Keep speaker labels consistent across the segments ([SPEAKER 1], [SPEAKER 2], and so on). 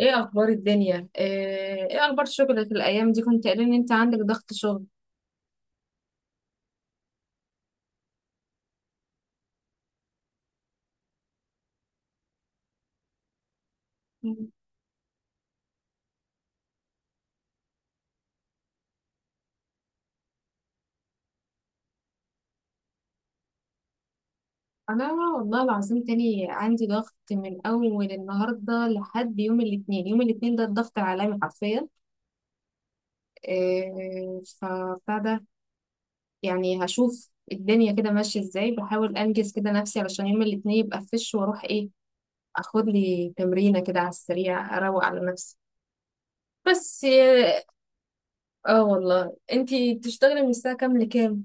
[SPEAKER 1] ايه اخبار الدنيا؟ ايه اخبار شغلك الايام دي؟ كنت قايل ان انت عندك ضغط شغل. مم. انا والله العظيم تاني عندي ضغط من اول النهارده لحد يوم الاثنين. يوم الاثنين ده الضغط العالمي حرفيا. إيه فبتاع ده. يعني هشوف الدنيا كده ماشيه ازاي، بحاول انجز كده نفسي علشان يوم الاثنين يبقى فش واروح اخد لي تمرينه كده على السريع اروق على نفسي. بس إيه، اه والله. انتي بتشتغلي من الساعه كام لكام؟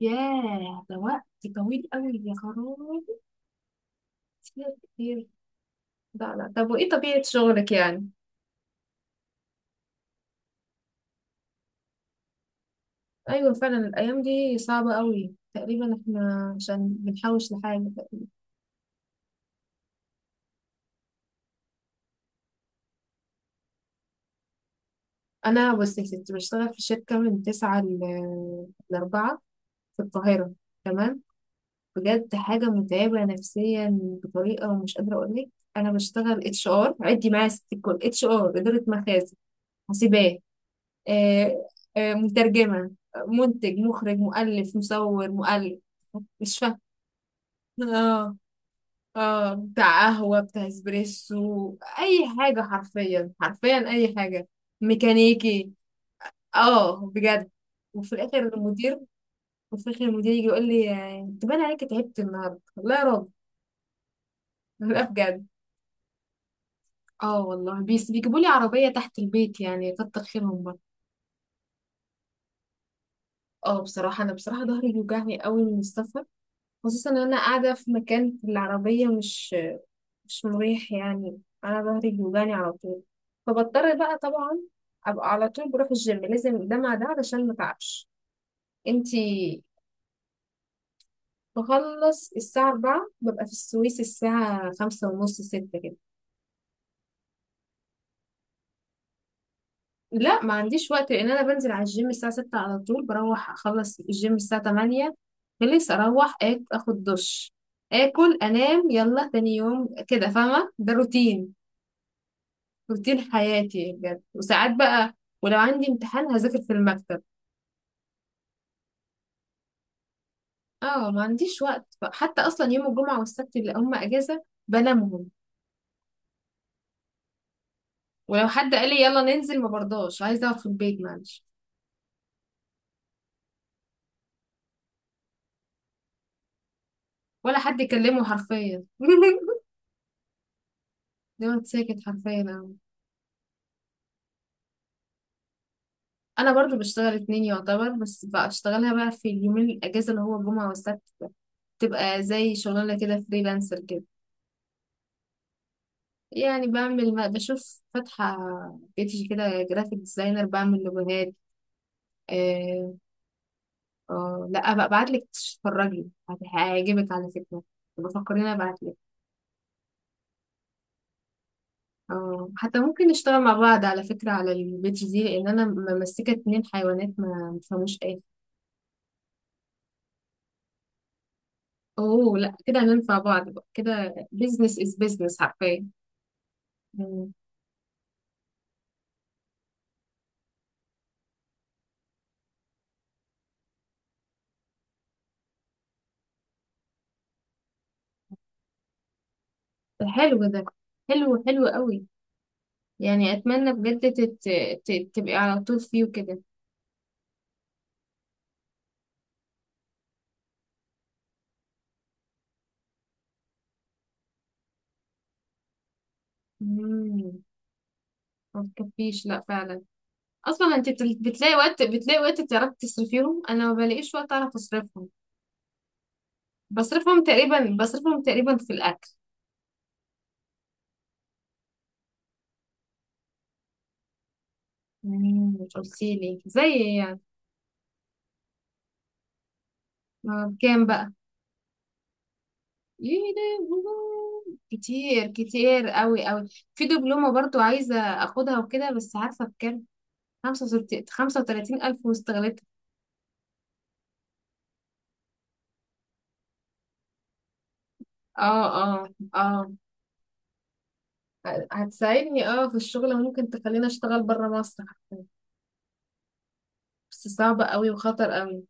[SPEAKER 1] ياه ده وقت طويل قوي يا خرابي. كتير كتير. لا لا، طب وايه طبيعة شغلك يعني؟ ايوه فعلا، الايام دي صعبة قوي تقريبا، احنا عشان بنحوش لحاجة تقريبا. انا بص يا ستي، بشتغل في شركة من تسعة لأربعة في القاهرة. تمام. بجد حاجة متعبة نفسيا، بطريقة مش قادرة اقول لك. انا بشتغل HR، عدي معايا ست الكل: HR، إدارة مخازن، حاسبات. آه، مترجمة، منتج، مخرج، مؤلف، مصور، مؤلف. مش فاهمة. اه. اه بتاع قهوة، بتاع اسبريسو، أي حاجة حرفيا حرفيا، أي حاجة. ميكانيكي. اه بجد. وفي الآخر المدير. وفي الآخر المدير يجي يقول لي: انت باين عليك تعبت النهاردة، والله يا راجل. لا بجد. اه والله، بيس بيجيبوا لي عربية تحت البيت، يعني كتر خيرهم بقى. اه بصراحة، أنا بصراحة ظهري بيوجعني قوي من السفر، خصوصا ان انا قاعده في مكان في العربيه مش مريح، يعني انا ظهري بيوجعني على طول. فبضطر بقى طبعا ابقى على طول بروح الجيم، لازم ده مع ده علشان ما تعبش. انتي. بخلص الساعه 4، ببقى في السويس الساعه خمسة ونص، ستة كده. لا ما عنديش وقت، لان انا بنزل على الجيم الساعه 6، على طول بروح اخلص الجيم الساعه 8، خلص اروح اخد دش، اكل، انام، يلا تاني يوم كده، فاهمه، ده روتين. روتين حياتي بجد. وساعات بقى ولو عندي امتحان هذاكر في المكتب. اه ما عنديش وقت، حتى اصلا يوم الجمعة والسبت اللي هم اجازة بنامهم. ولو حد قال لي يلا ننزل ما برضاش، عايزة اقعد في البيت معلش. ولا حد يكلمه حرفيا دايما ساكت حرفيا أنا. أنا برضو بشتغل اتنين يعتبر، بس بشتغلها بقى في اليومين الأجازة اللي هو الجمعة والسبت. تبقى زي شغلانة كده، فريلانسر كده. يعني بعمل، بشوف فاتحة بيتي كده، جرافيك ديزاينر، بعمل لوجوهات. آه، اه لا، ابقى ابعتلك تتفرجي، هيعجبك على فكرة. بفكرين ابعتلك. اه حتى ممكن نشتغل مع بعض على فكرة، على البيج دي، لان انا ممسكة اتنين حيوانات ما مفهموش ايه. اوه لا، كده هننفع بعض بقى كده، بيزنس از بيزنس حرفيا. مم. ده حلو ده، حلو حلو قوي. يعني اتمنى بجد تبقي على طول فيه وكده. مم. ما تكفيش، لا فعلا. اصلا انت بتلاقي وقت تعرفي تصرفيهم، انا ما بلاقيش وقت اعرف اصرفهم. بصرفهم تقريبا في الأكل. يعني مش قلتيلي زي إيه يعني. ما بكام بقى. يا لهوي. كتير كتير قوي قوي. في دبلومة برضو عايزة أخدها وكده، بس عارفة بكام؟ 35,000، واستغلتها. اه. اه. اه. هتساعدني في الشغل، وممكن تخليني أشتغل برا مصر حتى. بس صعبة قوي وخطر قوي.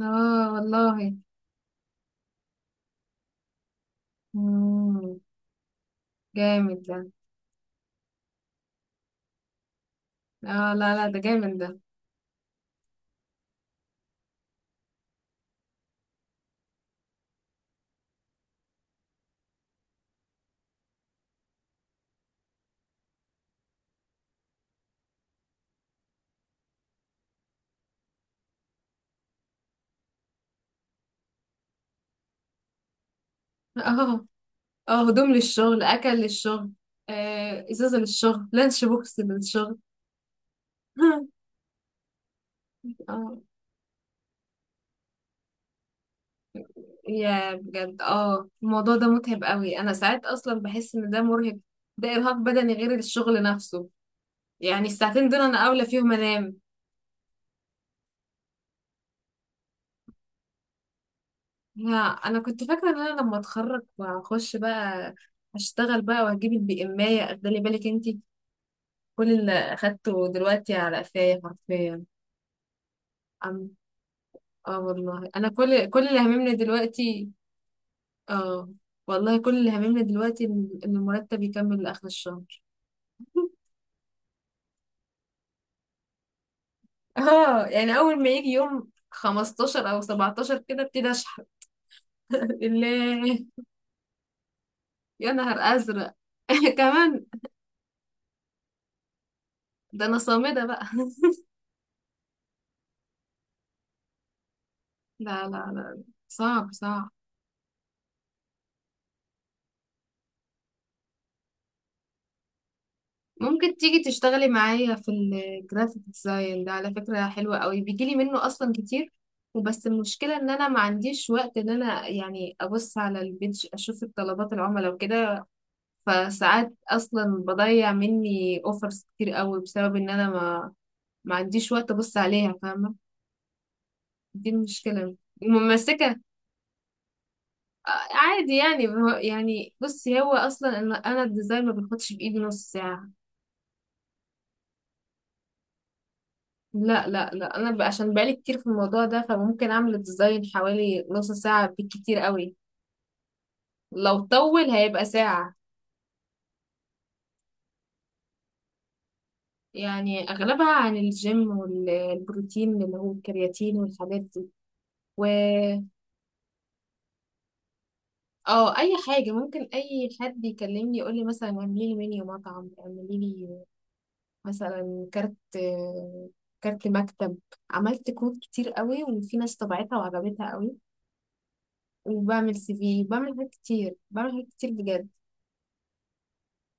[SPEAKER 1] اه والله. مم. جامد ده. اه لا لا، ده جامد ده. اه اه، هدوم للشغل، اكل للشغل، آه ازازه للشغل، لانش بوكس للشغل. اه يا بجد، الموضوع ده متعب قوي، انا ساعات اصلا بحس ان ده مرهق. ده ارهاق بدني غير الشغل نفسه. يعني الساعتين دول انا اولى فيهم انام. لا انا كنت فاكره ان انا لما اتخرج واخش بقى هشتغل بقى واجيب البي ام، اخدلي بالك انتي. كل اللي اخدته دلوقتي على قفايا حرفيا. أم- اه والله انا، كل اللي هممني دلوقتي. اه والله كل اللي هممنا دلوقتي ان المرتب يكمل لاخر الشهر. اه يعني اول ما يجي يوم 15 او 17 كده ابتدي اشحن. الله. يا نهار ازرق. كمان. ده انا صامدة بقى لا لا لا، صعب صعب. ممكن تيجي تشتغلي معايا في الجرافيك ديزاين ده على فكرة، حلوة قوي، بيجيلي منه أصلا كتير. وبس المشكلة إن أنا ما عنديش وقت، إن أنا يعني أبص على البيج، أشوف الطلبات العملاء وكده. فساعات اصلا بضيع مني اوفرز كتير قوي بسبب ان انا ما عنديش وقت ابص عليها، فاهمه. دي المشكله. ممسكه. آه، عادي يعني، يعني بصي، هو اصلا انا الديزاين ما بياخدش بايدي نص ساعه. لا لا لا، انا عشان بقالي كتير في الموضوع ده، فممكن اعمل الديزاين حوالي نص ساعه، بالكتير قوي. لو طول هيبقى ساعه. يعني اغلبها عن الجيم والبروتين اللي هو الكرياتين والحاجات دي. اه اي حاجه، ممكن اي حد يكلمني يقول لي مثلا اعملي لي منيو مطعم، اعملي لي مثلا كارت، كارت مكتب. عملت كروت كتير قوي، وفي ناس طبعتها وعجبتها قوي. وبعمل CV، بعمل حاجات كتير، بجد.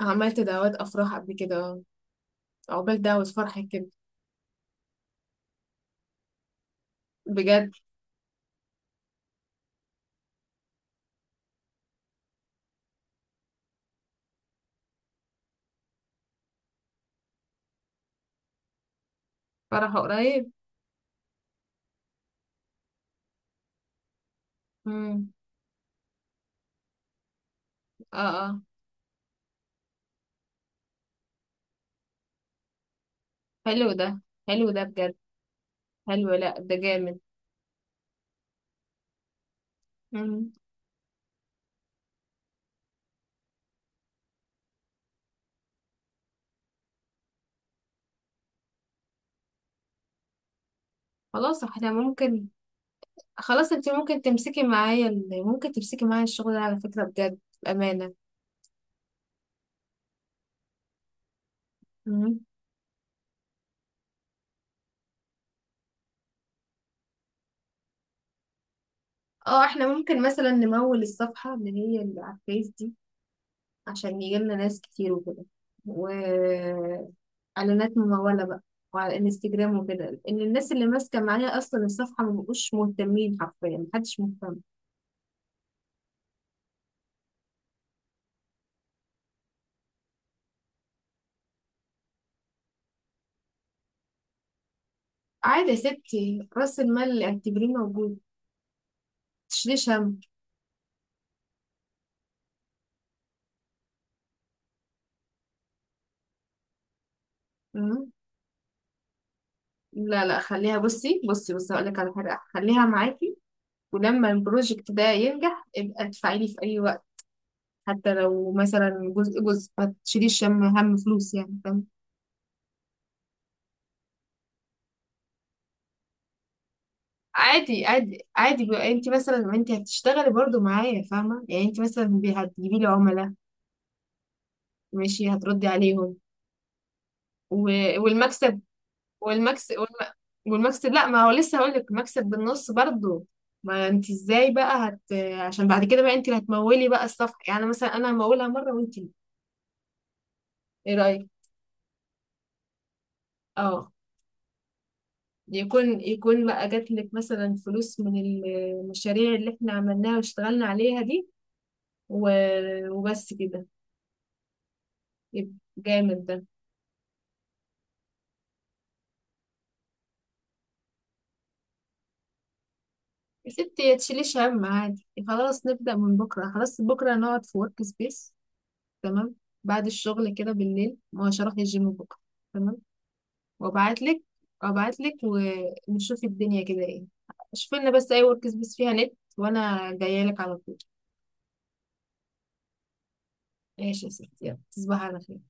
[SPEAKER 1] عملت دعوات افراح قبل كده. عقبال دعوة فرح كده. بجد فرح قريب. امم. اه اه، حلو ده، حلو ده بجد. حلو، لا ده جامد. امم. خلاص احنا ممكن، خلاص، انت ممكن تمسكي معايا ممكن تمسكي معايا الشغل ده على فكرة بجد، بأمانة. مم. اه احنا ممكن مثلا نمول الصفحة اللي هي اللي على الفيس دي، عشان يجيلنا ناس كتير وكده، وإعلانات ممولة بقى. وعلى الانستجرام وكده، ان الناس اللي ماسكة معايا اصلا الصفحة ما بقوش مهتمين حرفيا، محدش مهتم. عادي يا ستي، رأس المال اعتبريه موجود. متشيليش هم. مم. لا لا، خليها، بصي بصي بصي، هقولك على حاجة، خليها معاكي. ولما البروجكت ده ينجح ابقى ادفعي لي في اي وقت. حتى لو مثلا جزء جزء، ما تشيليش هم، هم فلوس يعني، فاهم. عادي عادي عادي بقى، انت مثلا ما انت هتشتغلي برضو معايا فاهمه، يعني انت مثلا هتجيبي لي عملاء، ماشي، هتردي عليهم، و... والمكسب والمكسب والم... والمكسب، لا ما هو لسه هقول لك، المكسب بالنص برضو. ما انت ازاي بقى، عشان بعد كده بقى انت اللي هتمولي بقى الصفحه، يعني مثلا انا همولها مره وانت. ايه رايك؟ اه يكون بقى جات لك مثلا فلوس من المشاريع اللي احنا عملناها واشتغلنا عليها دي، وبس كده. يبقى جامد ده. يا ستي يا تشيليش هم عادي، خلاص نبدأ من بكرة، خلاص بكرة نقعد في ورك سبيس. تمام. بعد الشغل كده بالليل، ما هوش هروح الجيم بكرة. تمام. وابعت لك وابعت لك. ونشوف الدنيا كده ايه. شوف لنا بس اي ورك سبيس فيها نت، وانا جايه لك على طول. ماشي يا ستي، يلا تصبحي على خير.